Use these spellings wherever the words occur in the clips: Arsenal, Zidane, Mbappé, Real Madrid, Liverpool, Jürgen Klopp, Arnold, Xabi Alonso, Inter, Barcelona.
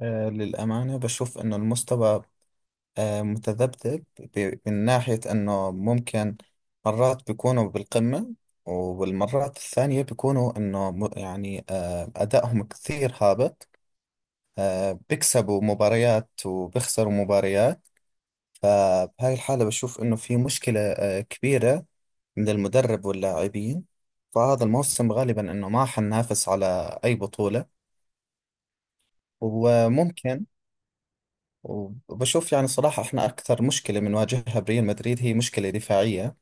للأمانة بشوف إنه المستوى متذبذب. من ناحية إنه ممكن مرات بيكونوا بالقمة، والمرات الثانية بيكونوا إنه يعني أدائهم كثير هابط. بيكسبوا مباريات وبيخسروا مباريات. فبهاي الحالة بشوف إنه في مشكلة كبيرة من المدرب واللاعبين. فهذا الموسم غالبا إنه ما حننافس على أي بطولة وممكن. وبشوف يعني صراحة احنا أكثر مشكلة بنواجهها بريال مدريد هي مشكلة دفاعية.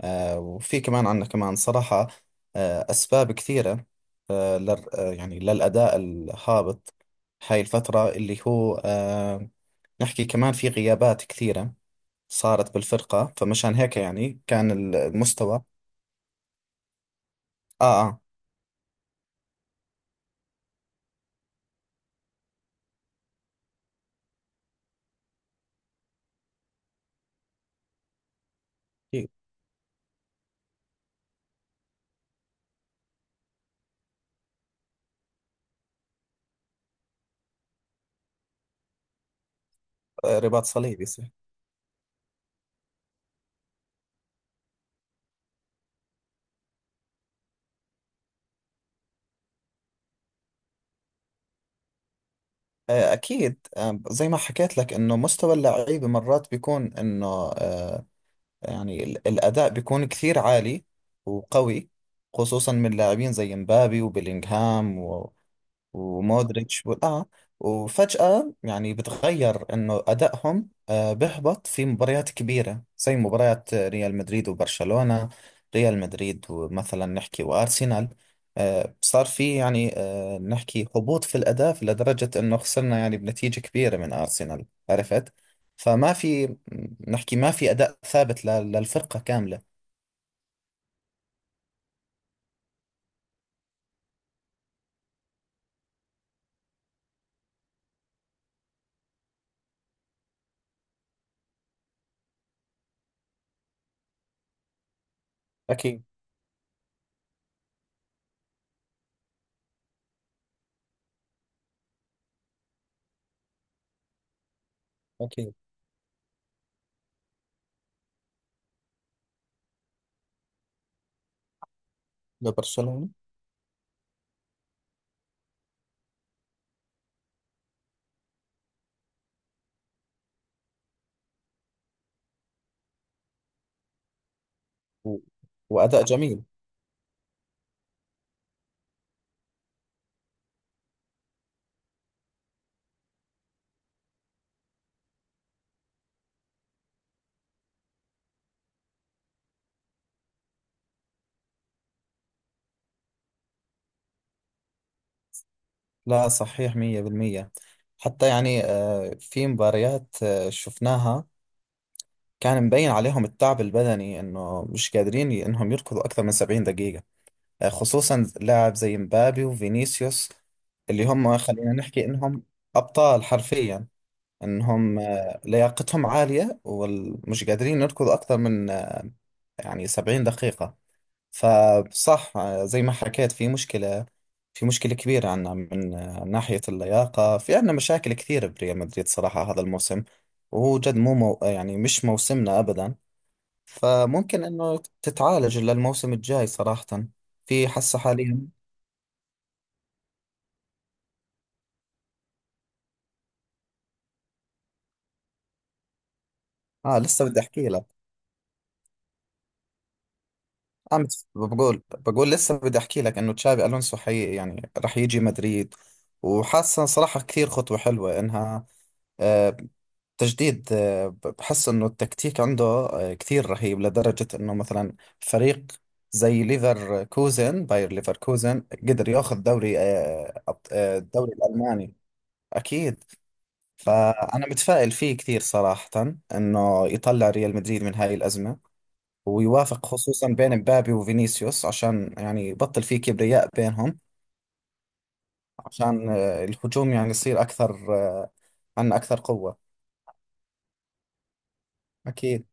وفي كمان عندنا كمان صراحة أسباب كثيرة، آه لل آه، يعني للأداء الهابط. هاي الفترة اللي هو نحكي كمان في غيابات كثيرة صارت بالفرقة، فمشان هيك يعني كان المستوى. آه، آه. في، رباط صليبي صح. أكيد. زي ما حكيت لك إنه مستوى اللعيبة مرات بيكون إنه، آه، يعني الأداء بيكون كثير عالي وقوي، خصوصا من لاعبين زي مبابي وبيلينغهام ومودريتش وفجأة يعني بتغير انه ادائهم بيهبط في مباريات كبيرة زي مباريات ريال مدريد وبرشلونة. ريال مدريد ومثلا نحكي وارسنال، صار في يعني نحكي هبوط في الاداء، في لدرجة انه خسرنا يعني بنتيجة كبيرة من ارسنال، عرفت؟ فما في، نحكي، ما في اداء ثابت للفرقة كاملة. أكيد. أكيد. لبرشلونة. و- واداء جميل. لا صحيح، مية بالمية. حتى يعني في مباريات شفناها كان مبين عليهم التعب البدني، انه مش قادرين انهم يركضوا اكثر من 70 دقيقة، خصوصا لاعب زي مبابي وفينيسيوس. اللي هم خلينا نحكي انهم ابطال حرفيا. انهم لياقتهم عالية ومش قادرين يركضوا اكثر من يعني 70 دقيقة. فصح، زي ما حكيت، في مشكلة كبيرة عنا من ناحية اللياقة. في عنا مشاكل كثيرة بريال مدريد صراحة هذا الموسم، وهو جد مو يعني مش موسمنا أبدا. فممكن إنه تتعالج للموسم الجاي صراحة. في حسة حاليا. لسه بدي أحكي لك. بقول، لسه بدي احكي لك انه تشابي الونسو حقيقي يعني رح يجي مدريد، وحاسه صراحه كثير خطوه حلوه انها آه، تجديد. بحس انه التكتيك عنده كثير رهيب، لدرجه انه مثلا فريق زي ليفر كوزن باير ليفر كوزن قدر ياخذ دوري الدوري الالماني. اكيد. فانا متفائل فيه كثير صراحه، انه يطلع ريال مدريد من هاي الازمه، ويوافق خصوصا بين مبابي وفينيسيوس عشان يعني يبطل فيه كبرياء بينهم، عشان الهجوم يعني يصير أكثر، عنا أكثر قوة. أكيد.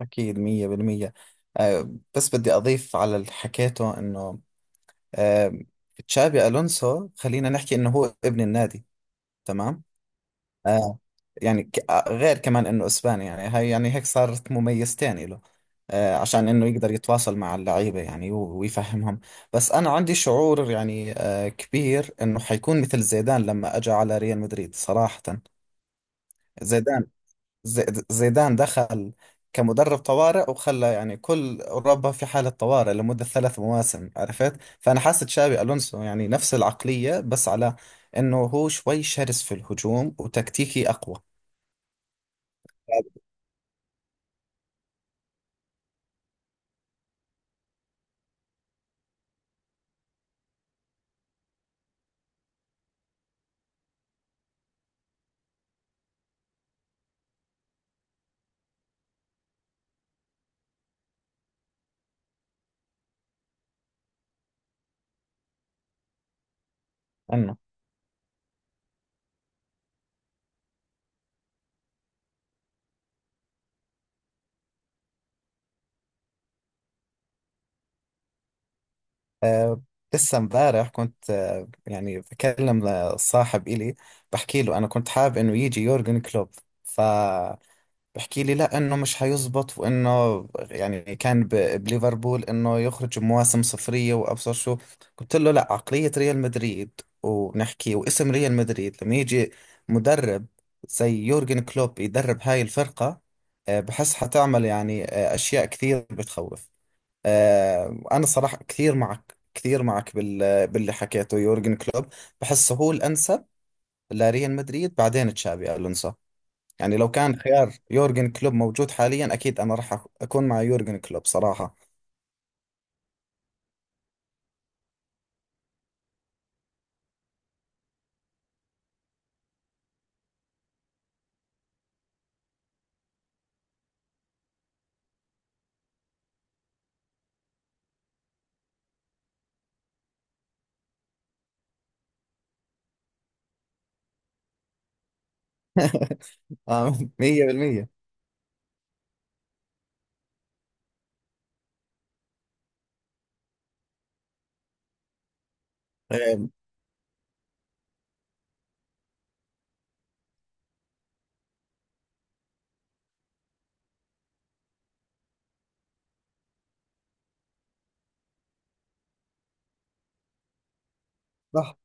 أكيد، مية بالمية. آه، بس بدي أضيف على اللي حكيته إنه آه، تشابي ألونسو خلينا نحكي إنه هو ابن النادي، تمام؟ آه يعني غير كمان انه اسباني، يعني هاي يعني هيك صارت مميزتين له، عشان انه يقدر يتواصل مع اللعيبة يعني ويفهمهم. بس انا عندي شعور يعني كبير انه حيكون مثل زيدان لما اجى على ريال مدريد صراحة. زيدان، زيدان دخل كمدرب طوارئ وخلى يعني كل اوروبا في حالة طوارئ لمدة 3 مواسم، عرفت؟ فانا حاسة تشابي الونسو يعني نفس العقلية، بس على انه هو شوي شرس في الهجوم وتكتيكي اقوى عنه. أه لسه امبارح كنت يعني بكلم صاحب إلي، بحكي له أنا كنت حابب إنه يجي يورجن كلوب، فبحكي لي لا إنه مش حيزبط، وإنه يعني كان بليفربول إنه يخرج بمواسم صفرية وأبصر شو. قلت له لا، عقلية ريال مدريد وبنحكي واسم ريال مدريد لما يجي مدرب زي يورجن كلوب يدرب هاي الفرقة، بحس حتعمل يعني أشياء كثير بتخوف. أنا صراحة كثير معك، كثير معك باللي حكيته. يورجن كلوب بحسه هو الأنسب لريال مدريد، بعدين تشابي ألونسو. يعني لو كان خيار يورجن كلوب موجود حاليا، أكيد أنا راح أكون مع يورجن كلوب صراحة. آه، 100%. آه، صح.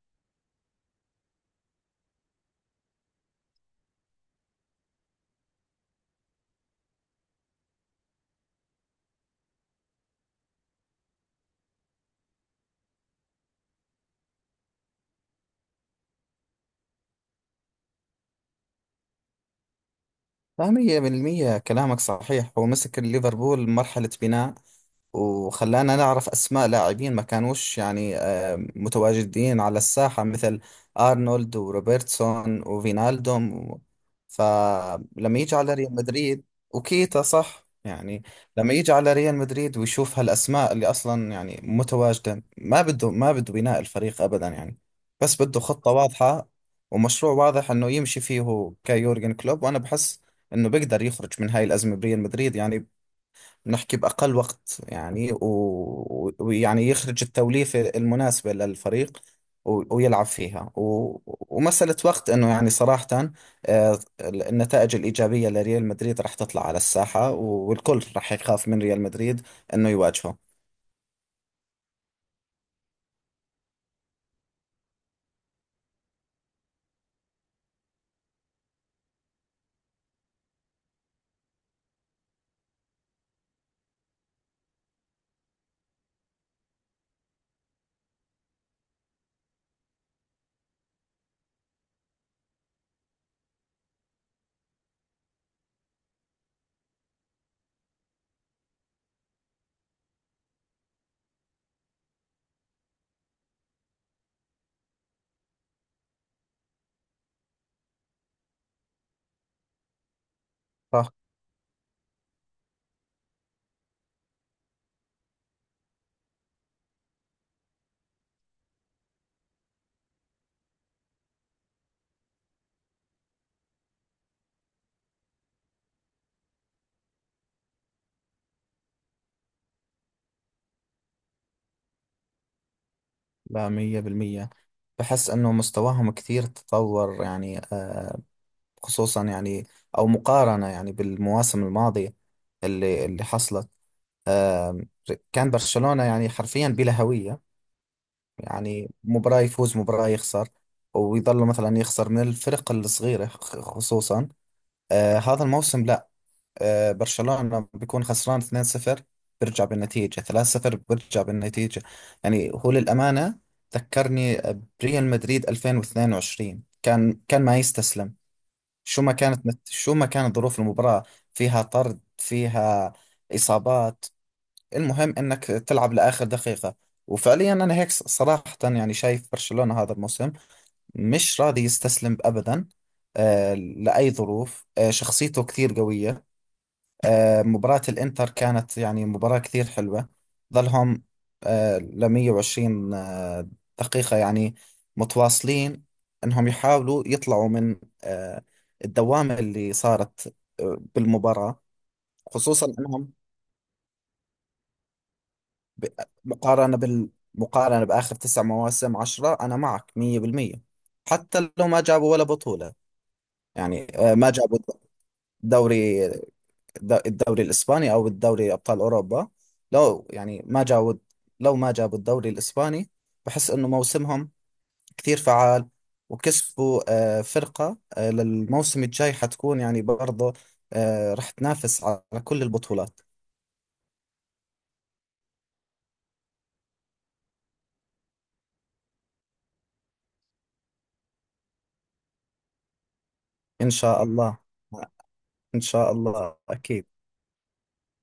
لا، مية بالمية كلامك صحيح. هو مسك ليفربول مرحلة بناء، وخلانا نعرف أسماء لاعبين ما كانوش يعني متواجدين على الساحة، مثل أرنولد وروبرتسون وفينالدوم فلما يجي على ريال مدريد. وكيتا، صح، يعني لما يجي على ريال مدريد ويشوف هالأسماء اللي أصلا يعني متواجدة، ما بده بناء الفريق أبدا يعني، بس بده خطة واضحة ومشروع واضح انه يمشي فيه. هو كيورجن كلوب، وانا بحس انه بيقدر يخرج من هاي الازمه بريال مدريد يعني، بنحكي باقل وقت يعني، ويعني يخرج التوليفه المناسبه للفريق ويلعب فيها، ومسألة وقت انه يعني صراحة النتائج الإيجابية لريال مدريد راح تطلع على الساحة، والكل راح يخاف من ريال مدريد انه يواجهه. صح. لا، مية بالمية. بحس انه مستواهم كثير تطور يعني، خصوصا يعني او مقارنة يعني بالمواسم الماضية اللي حصلت. آم، كان برشلونة يعني حرفيا بلا هوية. يعني مباراة يفوز مباراة يخسر، ويظل مثلا يخسر من الفرق الصغيرة، خصوصا هذا الموسم لا. برشلونة بيكون خسران 2-0 بيرجع بالنتيجة، 3-0 بيرجع بالنتيجة. يعني هو للأمانة ذكرني بريال مدريد 2022. كان ما يستسلم، شو ما كانت ظروف المباراة، فيها طرد، فيها إصابات، المهم انك تلعب لاخر دقيقة. وفعليا انا هيك صراحة يعني شايف برشلونة هذا الموسم مش راضي يستسلم ابدا لاي ظروف. شخصيته كثير قوية. مباراة الانتر كانت يعني مباراة كثير حلوة، ظلهم ل 120 دقيقة يعني متواصلين انهم يحاولوا يطلعوا من آه، الدوامة اللي صارت بالمباراة، خصوصا انهم. ب- مقارنة بال مقارنة بآخر 9 مواسم 10، أنا معك مية بالمية. حتى لو ما جابوا ولا بطولة، يعني ما جابوا الدوري الدوري الإسباني أو الدوري أبطال أوروبا. لو يعني ما جابوا لو ما جابوا الدوري الإسباني، بحس إنه موسمهم كثير فعال، وكسبوا فرقة للموسم الجاي حتكون يعني برضه راح تنافس على كل البطولات. إن شاء الله. إن شاء الله أكيد.